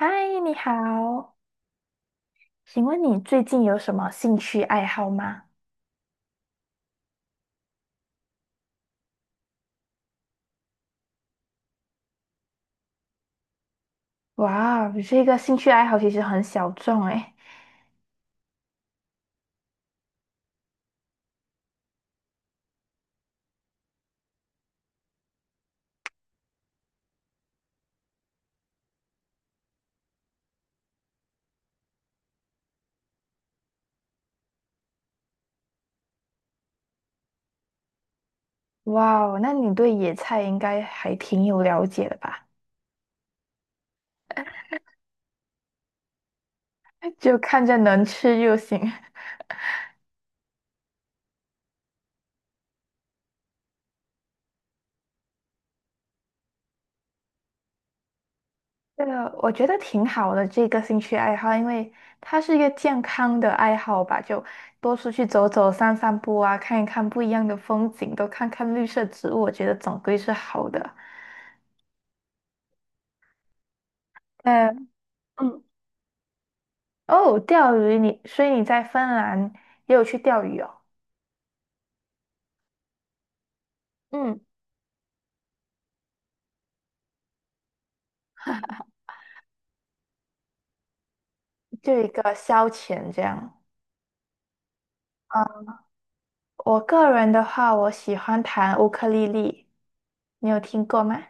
嗨，你好，请问你最近有什么兴趣爱好吗？哇，你这个兴趣爱好其实很小众诶。哇哦，那你对野菜应该还挺有了解的吧？就看着能吃就行。这个我觉得挺好的，这个兴趣爱好，因为它是一个健康的爱好吧，就多出去走走、散散步啊，看一看不一样的风景，多看看绿色植物，我觉得总归是好的。呃，嗯。哦，钓鱼你，所以你在芬兰也有去钓鱼哦，嗯，就一个消遣这样。啊，我个人的话，我喜欢弹乌克丽丽，你有听过吗？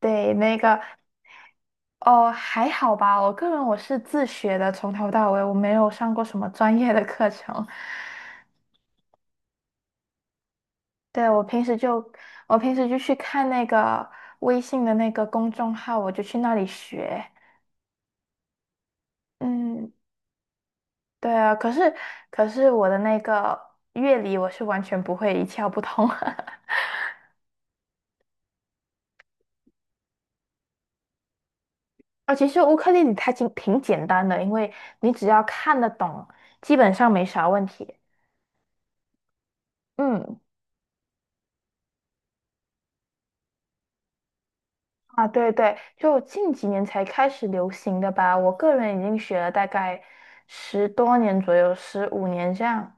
对，那个哦，还好吧。我个人我是自学的，从头到尾我没有上过什么专业的课程。对，我平时就去看那个微信的那个公众号，我就去那里学。嗯，对啊，可是我的那个乐理我是完全不会，一窍不通。啊，其实乌克丽丽它挺简单的，因为你只要看得懂，基本上没啥问题。嗯，啊，对对，就近几年才开始流行的吧。我个人已经学了大概10多年左右，15年这样。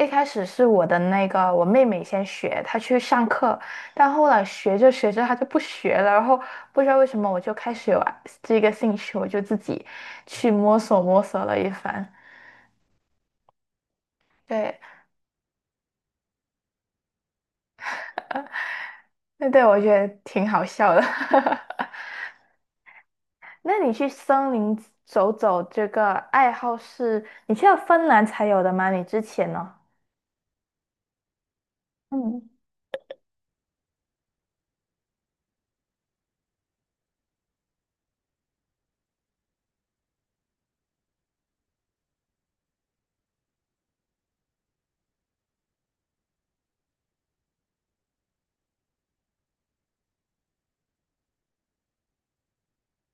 一开始是我的那个我妹妹先学，她去上课，但后来学着学着她就不学了，然后不知道为什么我就开始有啊这个兴趣，我就自己去摸索摸索了一番。对，那对我觉得挺好笑的。那你去森林走走这个爱好是你去到芬兰才有的吗？你之前呢？嗯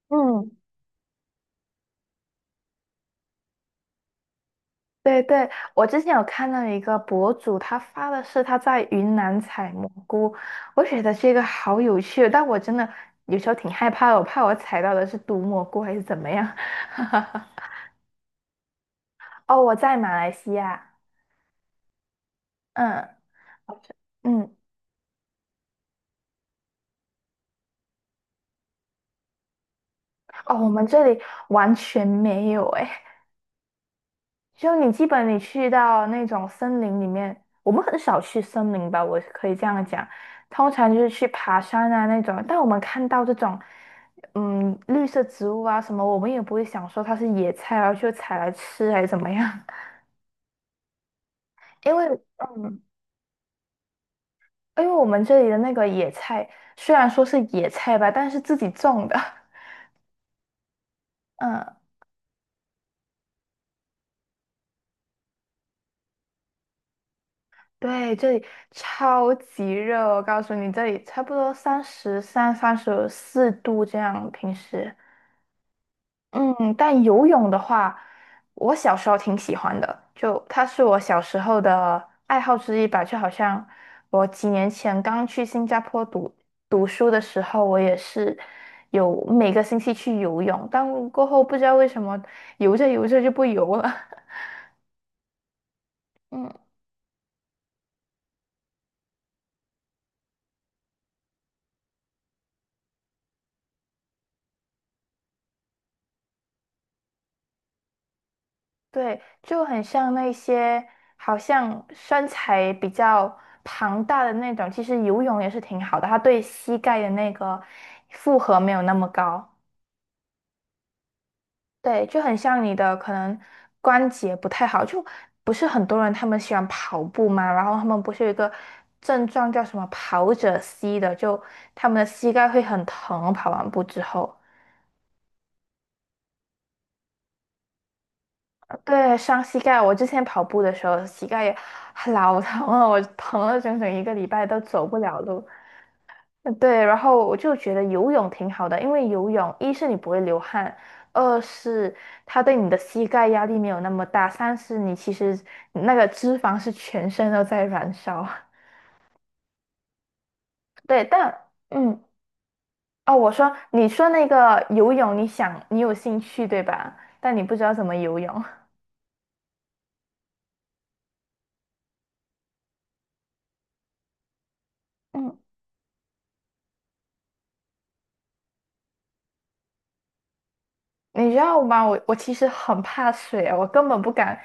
嗯。对对，我之前有看到一个博主，他发的是他在云南采蘑菇，我觉得这个好有趣，但我真的有时候挺害怕的，我怕我采到的是毒蘑菇还是怎么样。哦，我在马来西亚，嗯嗯，哦，我们这里完全没有哎。就你基本你去到那种森林里面，我们很少去森林吧，我可以这样讲，通常就是去爬山啊那种。但我们看到这种，嗯，绿色植物啊什么，我们也不会想说它是野菜，然后就采来吃还是怎么样，因为嗯，因为我们这里的那个野菜虽然说是野菜吧，但是自己种的，嗯。对，这里超级热，我告诉你，这里差不多33、34度这样，平时。嗯，但游泳的话，我小时候挺喜欢的，就它是我小时候的爱好之一吧。就好像我几年前刚去新加坡读书的时候，我也是有每个星期去游泳，但过后不知道为什么游着游着就不游了。嗯，对，就很像那些好像身材比较庞大的那种，其实游泳也是挺好的，它对膝盖的那个负荷没有那么高。对，就很像你的可能关节不太好，就不是很多人他们喜欢跑步嘛，然后他们不是有一个症状叫什么跑者膝的，就他们的膝盖会很疼，跑完步之后，对，伤膝盖。我之前跑步的时候膝盖也老疼了，我疼了整整一个礼拜都走不了路，嗯对，然后我就觉得游泳挺好的，因为游泳一是你不会流汗，二是它对你的膝盖压力没有那么大，三是你其实那个脂肪是全身都在燃烧。对，哦，我说你说那个游泳，你想你有兴趣对吧？但你不知道怎么游泳。嗯，你知道吗？我其实很怕水啊，我根本不敢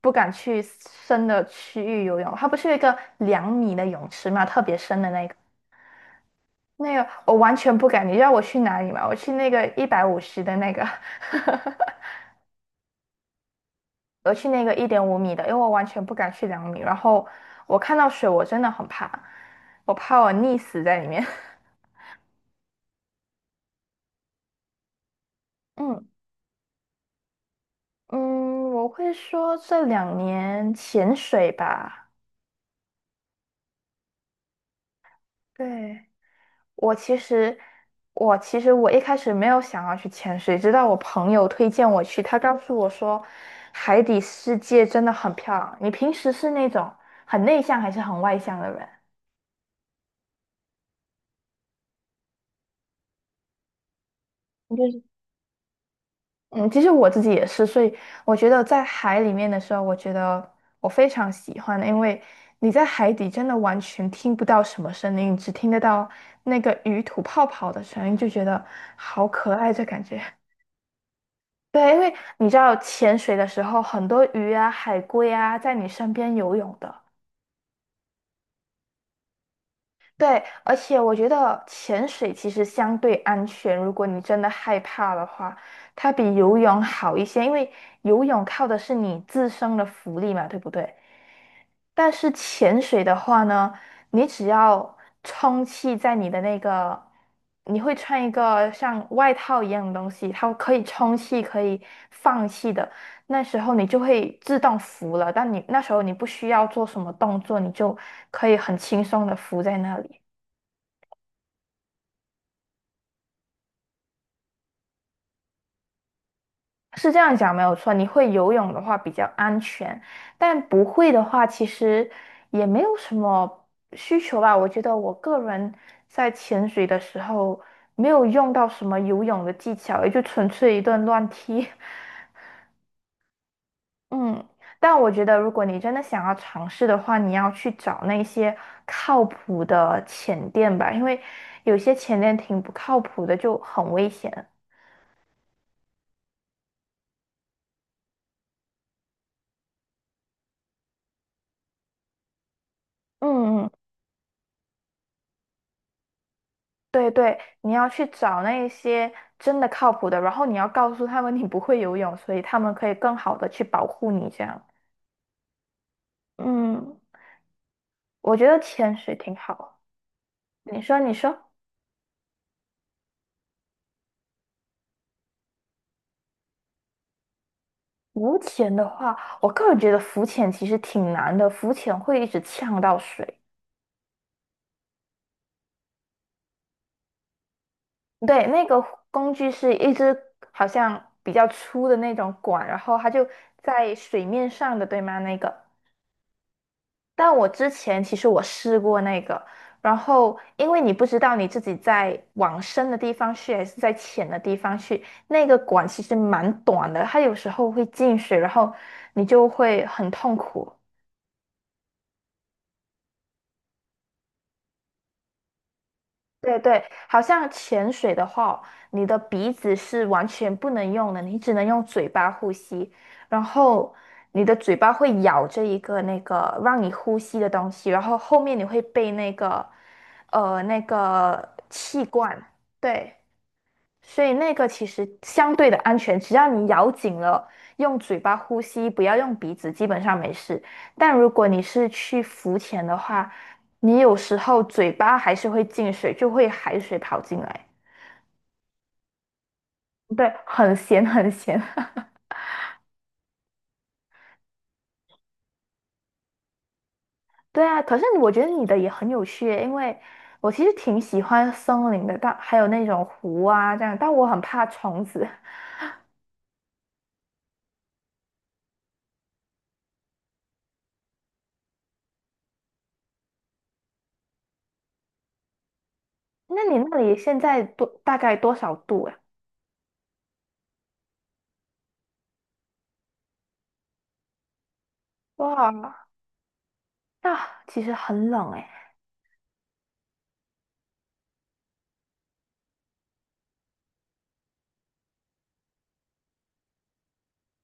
不敢去深的区域游泳。它不是有一个两米的泳池嘛，特别深的那个。那个我完全不敢，你知道我去哪里吗？我去那个150的那个，我去那个1.5米的，因为我完全不敢去两米。然后我看到水，我真的很怕，我怕我溺死在里面。嗯嗯，我会说这2年潜水吧。对，我其实，我其实我一开始没有想要去潜水，直到我朋友推荐我去，他告诉我说，海底世界真的很漂亮。你平时是那种很内向还是很外向的人？就是嗯，其实我自己也是，所以我觉得在海里面的时候，我觉得我非常喜欢，因为你在海底真的完全听不到什么声音，只听得到那个鱼吐泡泡的声音，就觉得好可爱这感觉。对，因为你知道潜水的时候，很多鱼啊、海龟啊在你身边游泳的。对，而且我觉得潜水其实相对安全，如果你真的害怕的话，它比游泳好一些，因为游泳靠的是你自身的浮力嘛，对不对？但是潜水的话呢，你只要充气在你的那个，你会穿一个像外套一样的东西，它可以充气，可以放气的。那时候你就会自动浮了，但你那时候你不需要做什么动作，你就可以很轻松的浮在那里。是这样讲没有错，你会游泳的话比较安全，但不会的话其实也没有什么需求吧。我觉得我个人在潜水的时候没有用到什么游泳的技巧，也就纯粹一顿乱踢。嗯，但我觉得如果你真的想要尝试的话，你要去找那些靠谱的潜店吧，因为有些潜店挺不靠谱的，就很危险。嗯嗯。对对，你要去找那一些真的靠谱的，然后你要告诉他们你不会游泳，所以他们可以更好的去保护你。这样，嗯，我觉得潜水挺好。你说，你说，浮潜的话，我个人觉得浮潜其实挺难的，浮潜会一直呛到水。对，那个工具是一支好像比较粗的那种管，然后它就在水面上的，对吗？那个。但我之前其实我试过那个，然后因为你不知道你自己在往深的地方去还是在浅的地方去，那个管其实蛮短的，它有时候会进水，然后你就会很痛苦。对对，好像潜水的话哦，你的鼻子是完全不能用的，你只能用嘴巴呼吸，然后你的嘴巴会咬着一个那个让你呼吸的东西，然后后面你会被那个气罐，对，所以那个其实相对的安全，只要你咬紧了，用嘴巴呼吸，不要用鼻子，基本上没事。但如果你是去浮潜的话，你有时候嘴巴还是会进水，就会海水跑进来，对，很咸很咸。对啊，可是我觉得你的也很有趣耶，因为我其实挺喜欢森林的，但还有那种湖啊这样，但我很怕虫子。那你那里现在大概多少度呀？哇，那其实很冷诶。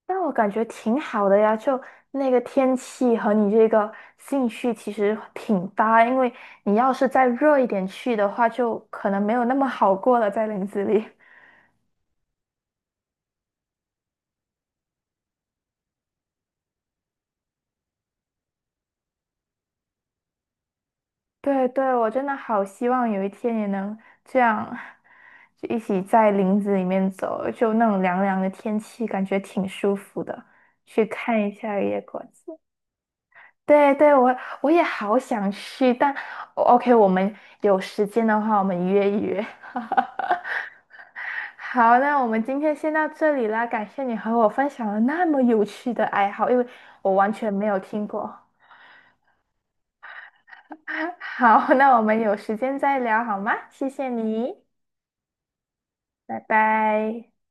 但我感觉挺好的呀，就那个天气和你这个兴趣其实挺搭，因为你要是再热一点去的话，就可能没有那么好过了，在林子里。对对，我真的好希望有一天也能这样，就一起在林子里面走，就那种凉凉的天气，感觉挺舒服的，去看一下野果子。对对，我也好想去，但 OK,我们有时间的话，我们约一约。好，那我们今天先到这里啦，感谢你和我分享了那么有趣的爱好，因为我完全没有听过。好，那我们有时间再聊好吗？谢谢你，拜拜。